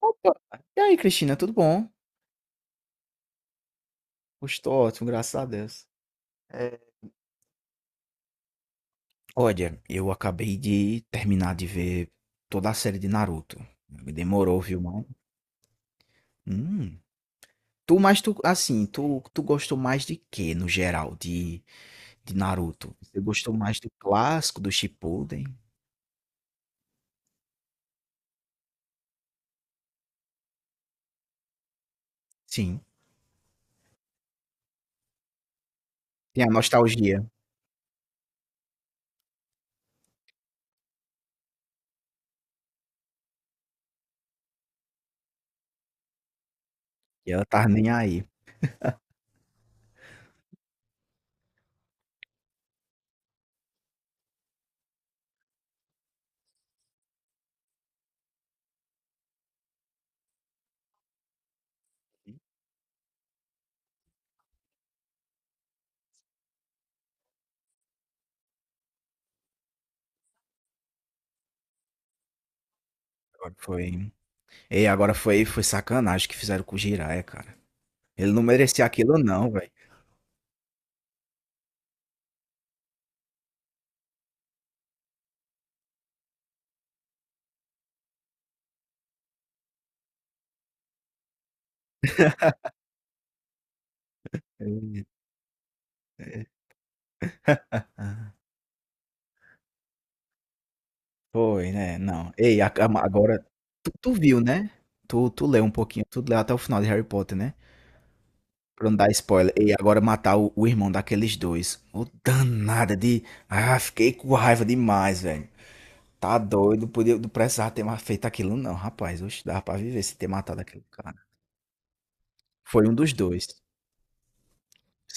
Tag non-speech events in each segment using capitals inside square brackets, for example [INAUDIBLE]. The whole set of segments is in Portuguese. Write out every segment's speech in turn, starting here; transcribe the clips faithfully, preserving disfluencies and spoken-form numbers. Opa! E aí, Cristina, tudo bom? Estou ótimo, graças a Deus. É, Olha, eu acabei de terminar de ver toda a série de Naruto. Me Demorou, viu, mano? Hum. Tu, mas tu, assim, tu, tu gostou mais de quê, no geral, de, de Naruto? Você gostou mais do clássico, do Shippuden? Sim. Tem a nostalgia. E ela tá nem aí. Agora Foi. Ei, agora foi, foi sacanagem que fizeram com o Jiraiya, cara. Ele não merecia aquilo, não, velho. Eita. Ah, foi, né? Não. Ei, a- a- agora tu, tu viu, né? Tu, tu leu um pouquinho, tu leu até o final de Harry Potter, né? Pra não dar spoiler. E agora matar o, o irmão daqueles dois. Ô, danada de. Ah, fiquei com raiva demais, velho. Tá doido, podia, não precisava ter mais feito aquilo, não, rapaz. Oxe, dava pra viver se ter matado aquele cara. Foi um dos dois.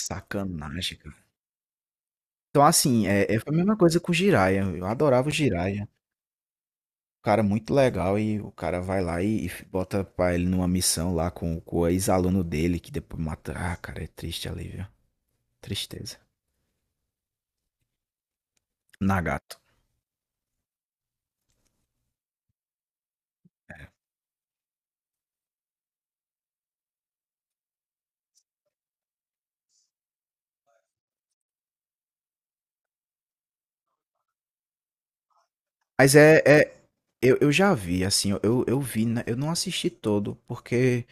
Sacanagem, cara. Então, assim, é, é, foi a mesma coisa com o Jiraiya. Eu adorava o Jiraiya. cara muito legal e o cara vai lá e, e bota pra ele numa missão lá com, com o ex-aluno dele, que depois mata. Ah, cara, é triste ali, viu? Tristeza. Nagato. Mas é, é- eu, eu já vi, assim, eu, eu vi, né? Eu não assisti todo, porque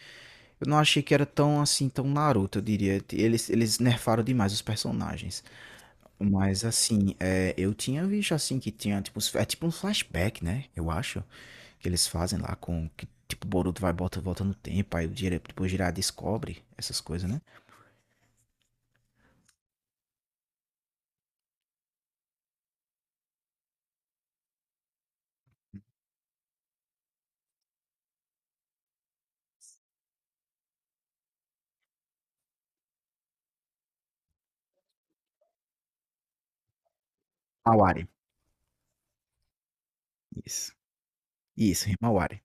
eu não achei que era tão, assim, tão Naruto, eu diria. Eles, eles nerfaram demais os personagens. Mas assim, é, eu tinha visto assim que tinha tipo, uns- é tipo um flashback, né? Eu acho que eles fazem lá com que tipo o Boruto vai bota volta no tempo, aí o Jiraiya, tipo, o Jiraiya descobre essas coisas, né? Awari. Isso. Isso, rima Awari.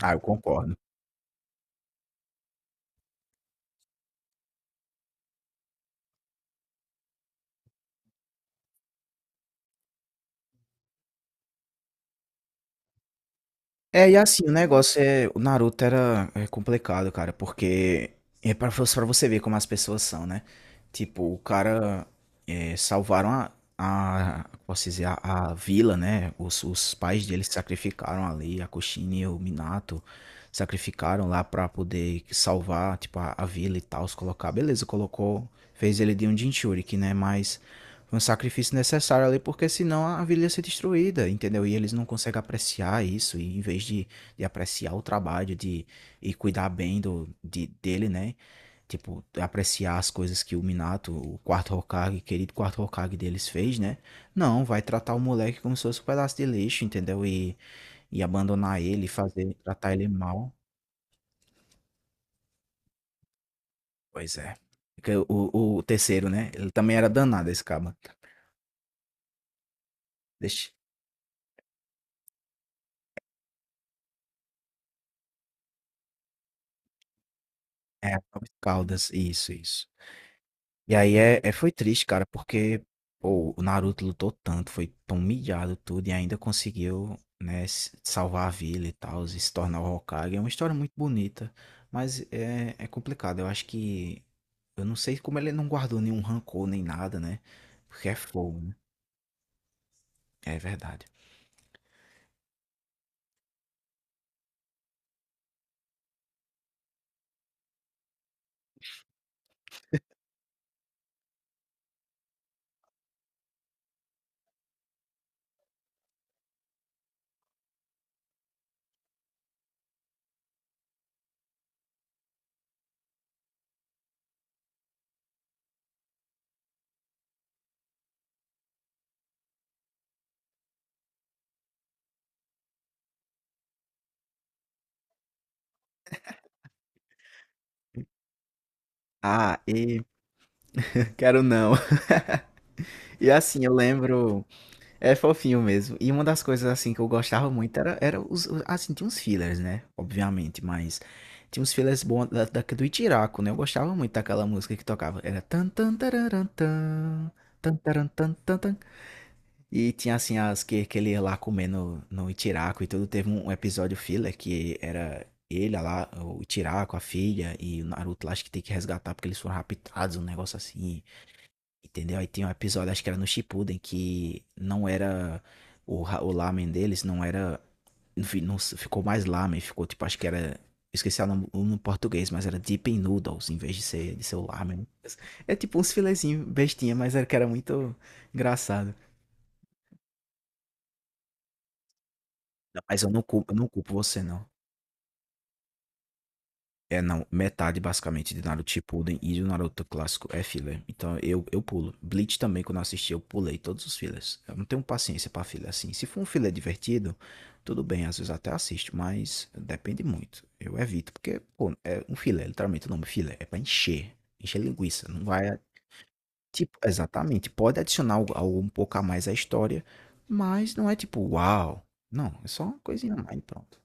Ah, eu concordo. É, e assim, o negócio é. O Naruto era é complicado, cara, porque. É pra, vo- pra você ver como as pessoas são, né? Tipo, o cara. é, salvaram a. A posso dizer, a, a vila, né? Os, os pais dele se sacrificaram ali, a Kushina e o Minato sacrificaram lá pra poder salvar, tipo, a, a vila e tal, se colocar. Beleza, colocou. Fez ele de um Jinchuriki, né? Mas um sacrifício necessário ali, porque senão a vila ia ser destruída, entendeu? E eles não conseguem apreciar isso, e em vez de, de apreciar o trabalho de, e cuidar bem do, de, dele, né? Tipo, apreciar as coisas que o Minato, o quarto Hokage, querido quarto Hokage deles fez, né? Não, vai tratar o moleque como se fosse um pedaço de lixo, entendeu? E, e abandonar ele, fazer, tratar ele mal. Pois é. Porque O, o terceiro, né? Ele também era danado, esse caba. Deixa. É, Caldas, isso, isso. E aí é, é- foi triste, cara, porque pô, o Naruto lutou tanto, foi tão humilhado tudo e ainda conseguiu, né, s- salvar a vila e tal, e se tornar o Hokage. É uma história muito bonita, mas é, é complicado. Eu acho que eu não sei como ele não guardou nenhum rancor nem nada, né? Porque é fogo, né? É verdade. Ah, e [LAUGHS] quero não. [LAUGHS] E assim, eu lembro É fofinho mesmo. E uma das coisas assim que eu gostava muito era, era os, os- assim, tinha uns fillers, né? Obviamente, mas tinha uns fillers bons da, da- do Itiraco, né? Eu gostava muito daquela música que tocava. Era tan tan tararan, tan, tan taran, tan tan tan. E tinha assim as que, que ele ia lá comer no, no Itiraco e tudo. Teve um, um episódio filler que era ele lá, o Itiraco, a filha e o Naruto lá, acho que tem que resgatar porque eles foram raptados, um negócio assim. Entendeu? Aí tem um episódio, acho que era no Shippuden, que não era o, ra- o lamen deles, não era. Não, fi- não s- ficou mais lamen, ficou tipo, acho que era. Esqueci o nome o nome em português, mas era Deep in Noodles, em vez de ser, de ser, o lamen. É tipo uns filezinhos bestinha, mas era que era muito engraçado. Não, Mas eu não culpo, eu não culpo você, não. É, não, metade basicamente de Naruto Shippuden e do Naruto clássico é filler. Então eu, eu pulo. Bleach também, quando eu assisti, eu pulei todos os fillers. Eu não tenho paciência pra filler assim. Se for um filler divertido, tudo bem, às vezes até assisto, mas depende muito. Eu evito, porque, pô, é um filler, literalmente o nome filler é pra encher, encher linguiça. Não vai, tipo, exatamente. Pode adicionar algo, algo um pouco a mais à história, mas não é tipo, uau. Não, é só uma coisinha a mais, e pronto.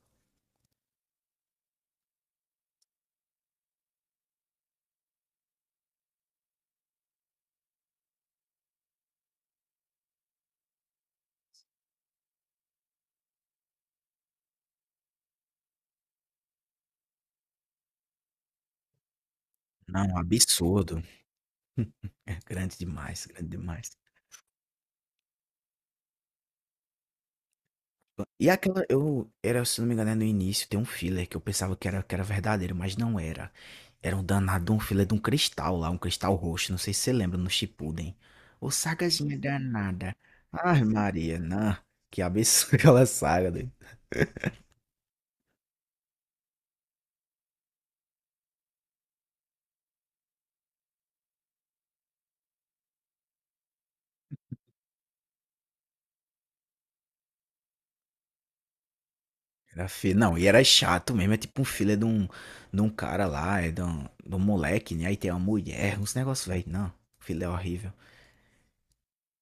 Não, absurdo. É grande demais, grande demais. E aquela, eu, era, se não me engano, é no início, tem um filler que eu pensava que era, que era verdadeiro, mas não era. Era um danado, um filler de um cristal lá, um cristal roxo, não sei se você lembra, no Shippuden. Ô, sagazinha danada. Ai, Maria, não. Que absurdo [LAUGHS] aquela saga, doido. Era fi... Não, e era chato mesmo, é tipo um filler de um, de um cara lá, é de um, de um moleque, né? Aí tem uma mulher, uns negócios, velho. Não, filler é horrível.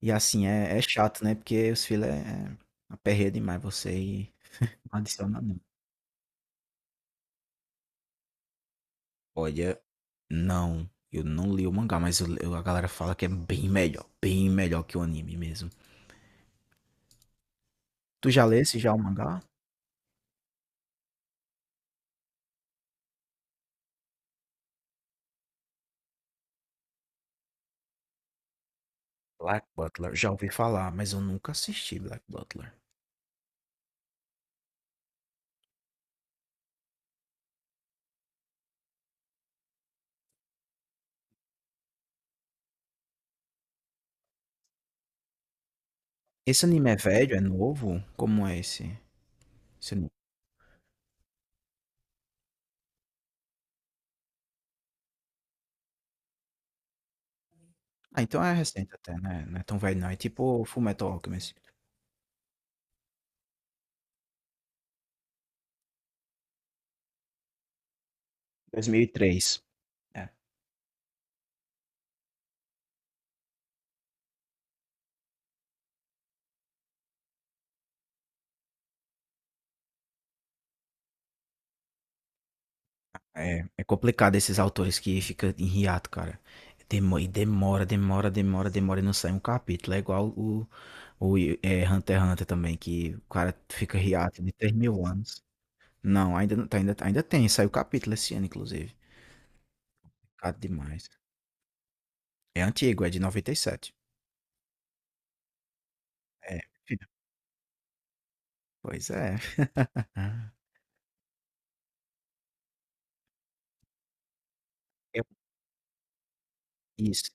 E assim, é, é chato, né? Porque os filler é é aperreia demais você e não adiciona Olha, não. Eu não li o mangá, mas eu- eu- a galera fala que é bem melhor. Bem melhor que o anime mesmo. Tu já lesse já o mangá? Black Butler. Já ouvi falar, mas eu nunca assisti Black Butler. Esse anime é velho? É novo? Como é esse, esse anime? Ah, então é recente até, né? Não é tão velho não. É tipo Fullmetal Alchemist. dois mil e três. É. É, é complicado esses autores que fica em hiato, cara. Demo- e demora, demora, demora, demora e não sai um capítulo. É igual o, o é, Hunter x Hunter também, que o cara fica hiato de três mil anos. Não, ainda, não tá- ainda, ainda, tem, saiu capítulo esse ano, inclusive. Complicado demais. É antigo, é de noventa e sete. É, filho, pois é. Ah, é isso.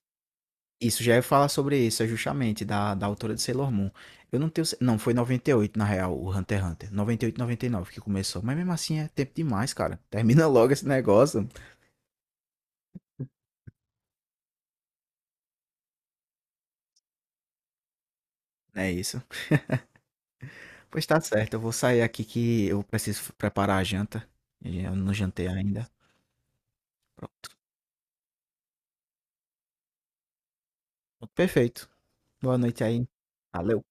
Isso, já ia falar sobre isso, é justamente da, da autora de Sailor Moon. Eu não tenho. ce- Não, foi noventa e oito na real, o Hunter x Hunter. noventa e oito, noventa e nove que começou. Mas mesmo assim é tempo demais, cara. Termina [LAUGHS] logo esse negócio. É isso. Pois tá certo, eu vou sair aqui que eu preciso preparar a janta. Eu não jantei ainda. Pronto, perfeito. Boa noite aí. Valeu.